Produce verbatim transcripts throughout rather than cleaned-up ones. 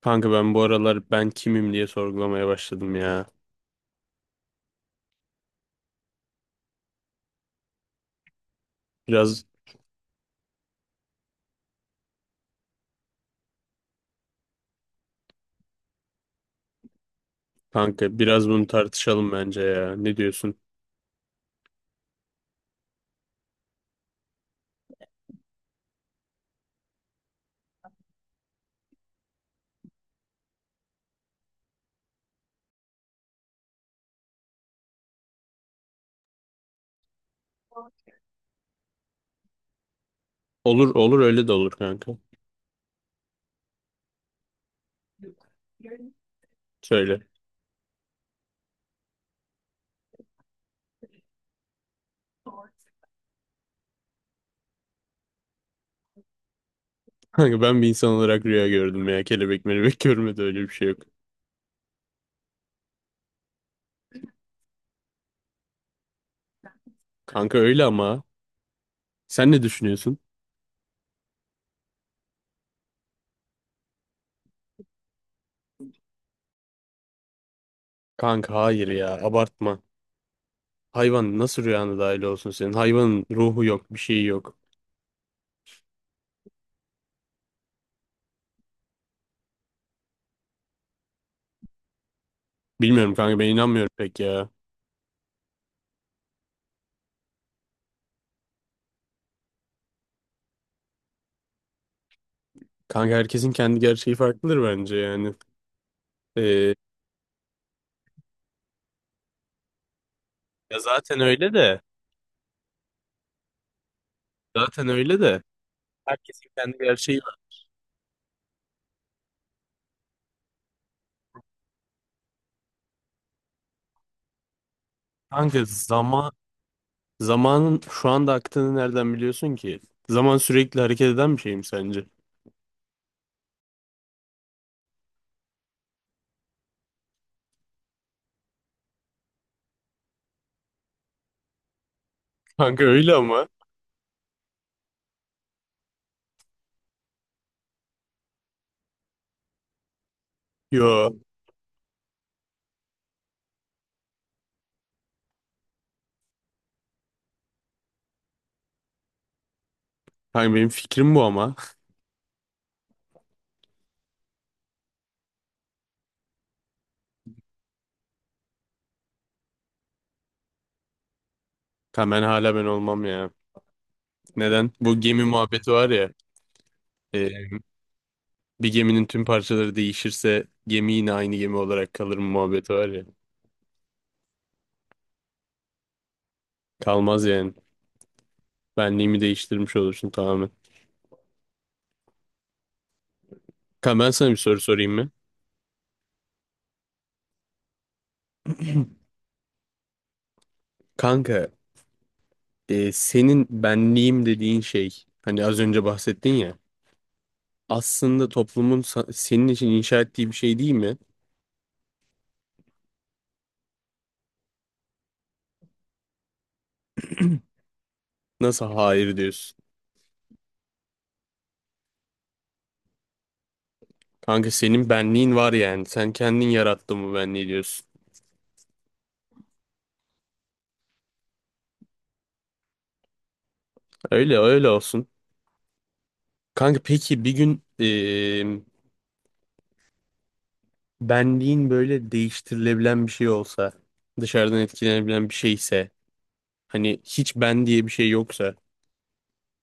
Kanka ben bu aralar ben kimim diye sorgulamaya başladım ya. Biraz Kanka biraz bunu tartışalım bence ya. Ne diyorsun? Olur olur öyle de olur kanka. Söyle. Kanka ben bir insan olarak rüya gördüm ya. Kelebek melebek görmedi, öyle bir şey yok. Kanka öyle ama sen ne düşünüyorsun? Kanka hayır ya, abartma. Hayvan nasıl rüyana dahil olsun senin? Hayvanın ruhu yok, bir şeyi yok. Bilmiyorum kanka, ben inanmıyorum pek ya. Kanka herkesin kendi gerçeği farklıdır bence yani. Ee, ya zaten öyle de. Zaten öyle de. Herkesin kendi gerçeği var. Kanka zaman, zamanın şu anda aktığını nereden biliyorsun ki? Zaman sürekli hareket eden bir şey mi sence? Kanka öyle ama. Yo. Kanka benim fikrim bu ama. Kanka ben hala ben olmam ya. Neden? Bu gemi muhabbeti var ya. e, Bir geminin tüm parçaları değişirse gemi yine aynı gemi olarak kalır mı muhabbeti var ya. Kalmaz yani. Benliğimi değiştirmiş olursun tamamen. Kanka ben sana bir soru sorayım mı? Kanka e, senin benliğim dediğin şey, hani az önce bahsettin ya, aslında toplumun sa- senin için inşa ettiği bir şey değil mi? Nasıl hayır diyorsun? Kanka senin benliğin var yani. Sen kendin yarattın bu benliği diyorsun. Öyle öyle olsun. Kanka peki bir gün eee, benliğin böyle değiştirilebilen bir şey olsa, dışarıdan etkilenebilen bir şeyse, hani hiç ben diye bir şey yoksa,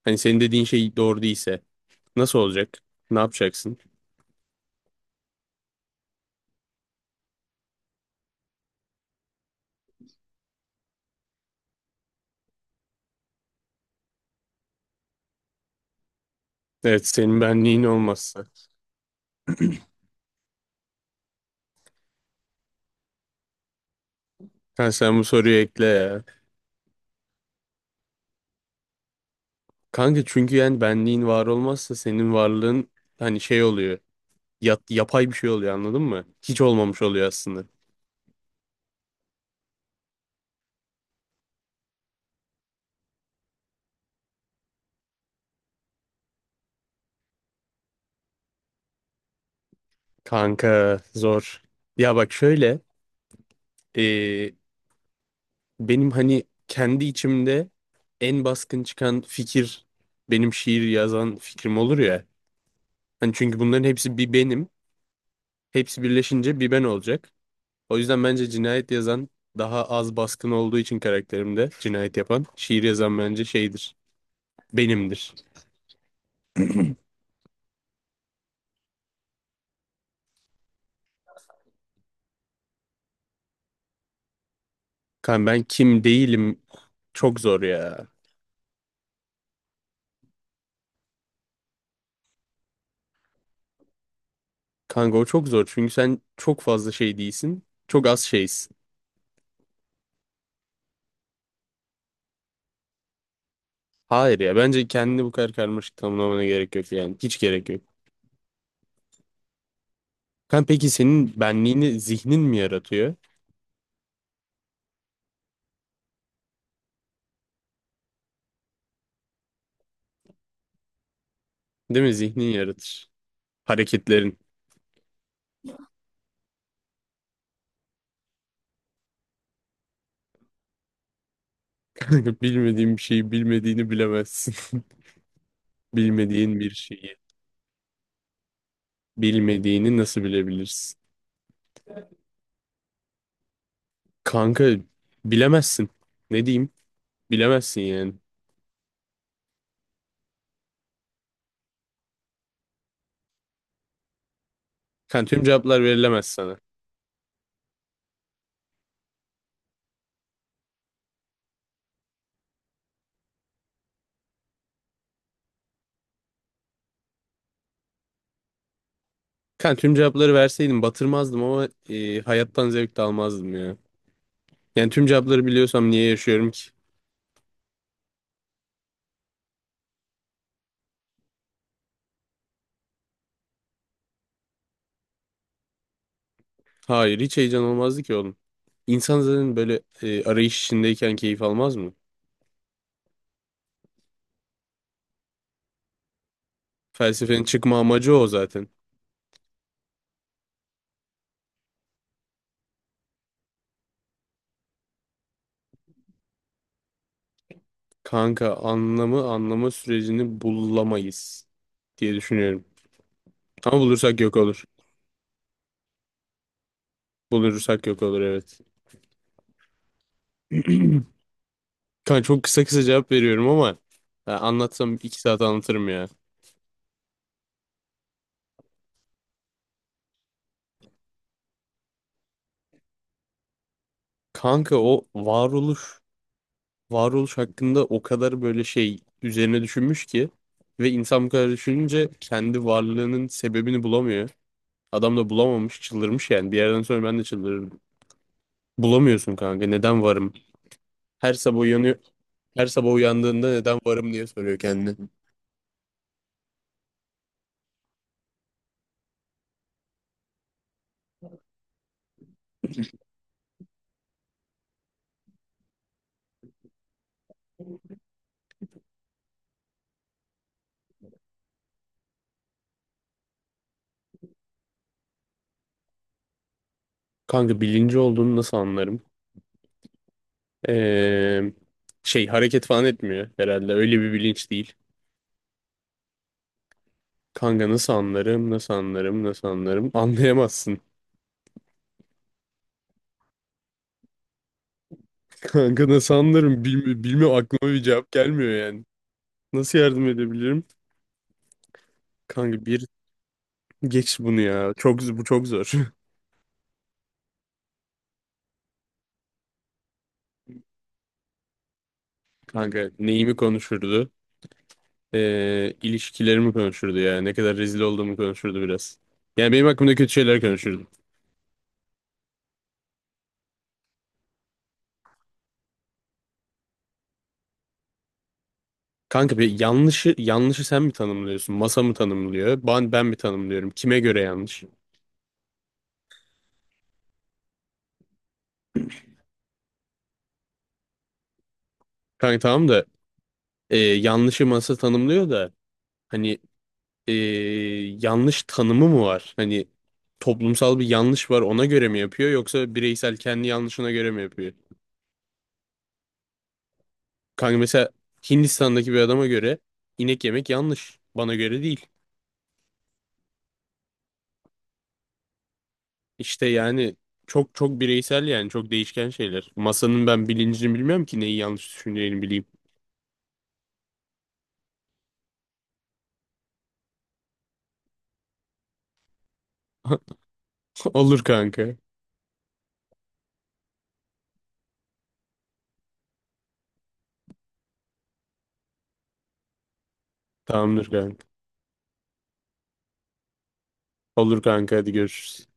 hani senin dediğin şey doğru değilse nasıl olacak? Ne yapacaksın? Evet, senin benliğin olmazsa. Ha, sen bu soruyu ekle ya. Kanka çünkü yani benliğin var olmazsa senin varlığın hani şey oluyor. Yat, yapay bir şey oluyor, anladın mı? Hiç olmamış oluyor aslında. Kanka zor. Ya bak şöyle. e, Benim hani kendi içimde en baskın çıkan fikir benim şiir yazan fikrim olur ya. Hani çünkü bunların hepsi bir benim. Hepsi birleşince bir ben olacak. O yüzden bence cinayet yazan daha az baskın olduğu için karakterimde, cinayet yapan şiir yazan bence şeydir. Benimdir. Kan ben kim değilim, çok zor ya. Kanka o çok zor çünkü sen çok fazla şey değilsin. Çok az şeysin. Hayır ya, bence kendini bu kadar karmaşık tanımlamana gerek yok yani. Hiç gerek yok. Kan peki senin benliğini zihnin mi yaratıyor? Değil mi? Zihnin yaratır. Hareketlerin. Kanka bilmediğin bir şeyi bilmediğini bilemezsin. Bilmediğin bir şeyi bilmediğini nasıl bilebilirsin? Kanka bilemezsin. Ne diyeyim? Bilemezsin yani. Kanka tüm cevaplar verilemez sana. Kanka tüm cevapları verseydim batırmazdım ama e, hayattan zevk de almazdım ya. Yani tüm cevapları biliyorsam niye yaşıyorum ki? Hayır, hiç heyecan olmazdı ki oğlum. İnsan zaten böyle e, arayış içindeyken keyif almaz mı? Felsefenin çıkma amacı o zaten. Kanka anlamı anlama sürecini bulamayız diye düşünüyorum. Ama bulursak yok olur. Bulursak yok olur, evet. Kanka çok kısa kısa cevap veriyorum ama ya anlatsam iki saat anlatırım ya. Kanka o varoluş, varoluş hakkında o kadar böyle şey üzerine düşünmüş ki ve insan bu kadar düşününce kendi varlığının sebebini bulamıyor. Adam da bulamamış, çıldırmış yani. Bir yerden sonra ben de çıldırırım. Bulamıyorsun kanka, neden varım? Her sabah uyanıyor, her sabah uyandığında neden varım diye soruyor kendine. Kanka bilinci olduğunu nasıl anlarım? Ee, şey hareket falan etmiyor herhalde. Öyle bir bilinç değil. Kanka nasıl anlarım, nasıl anlarım, nasıl anlarım? Anlayamazsın. Kanka nasıl anlarım? Bilmi bilmiyorum, aklıma bir cevap gelmiyor yani. Nasıl yardım edebilirim? Kanka bir, geç bunu ya. Çok, bu çok zor. Kanka neyimi konuşurdu? Ee, ilişkilerimi konuşurdu ya. Ne kadar rezil olduğumu konuşurdu biraz. Yani benim hakkımda kötü şeyler konuşurdu. Kanka bir yanlışı yanlışı sen mi tanımlıyorsun? Masa mı tanımlıyor? Ben ben mi tanımlıyorum? Kime göre yanlış? Kanka tamam da e, yanlışı masa tanımlıyor da. Hani e, yanlış tanımı mı var? Hani toplumsal bir yanlış var, ona göre mi yapıyor yoksa bireysel kendi yanlışına göre mi yapıyor? Kanka mesela Hindistan'daki bir adama göre inek yemek yanlış. Bana göre değil. İşte yani çok çok bireysel yani, çok değişken şeyler. Masanın ben bilincini bilmiyorum ki neyi yanlış düşüneceğini bileyim. Olur kanka. Tamamdır kanka. Olur kanka, hadi görüşürüz.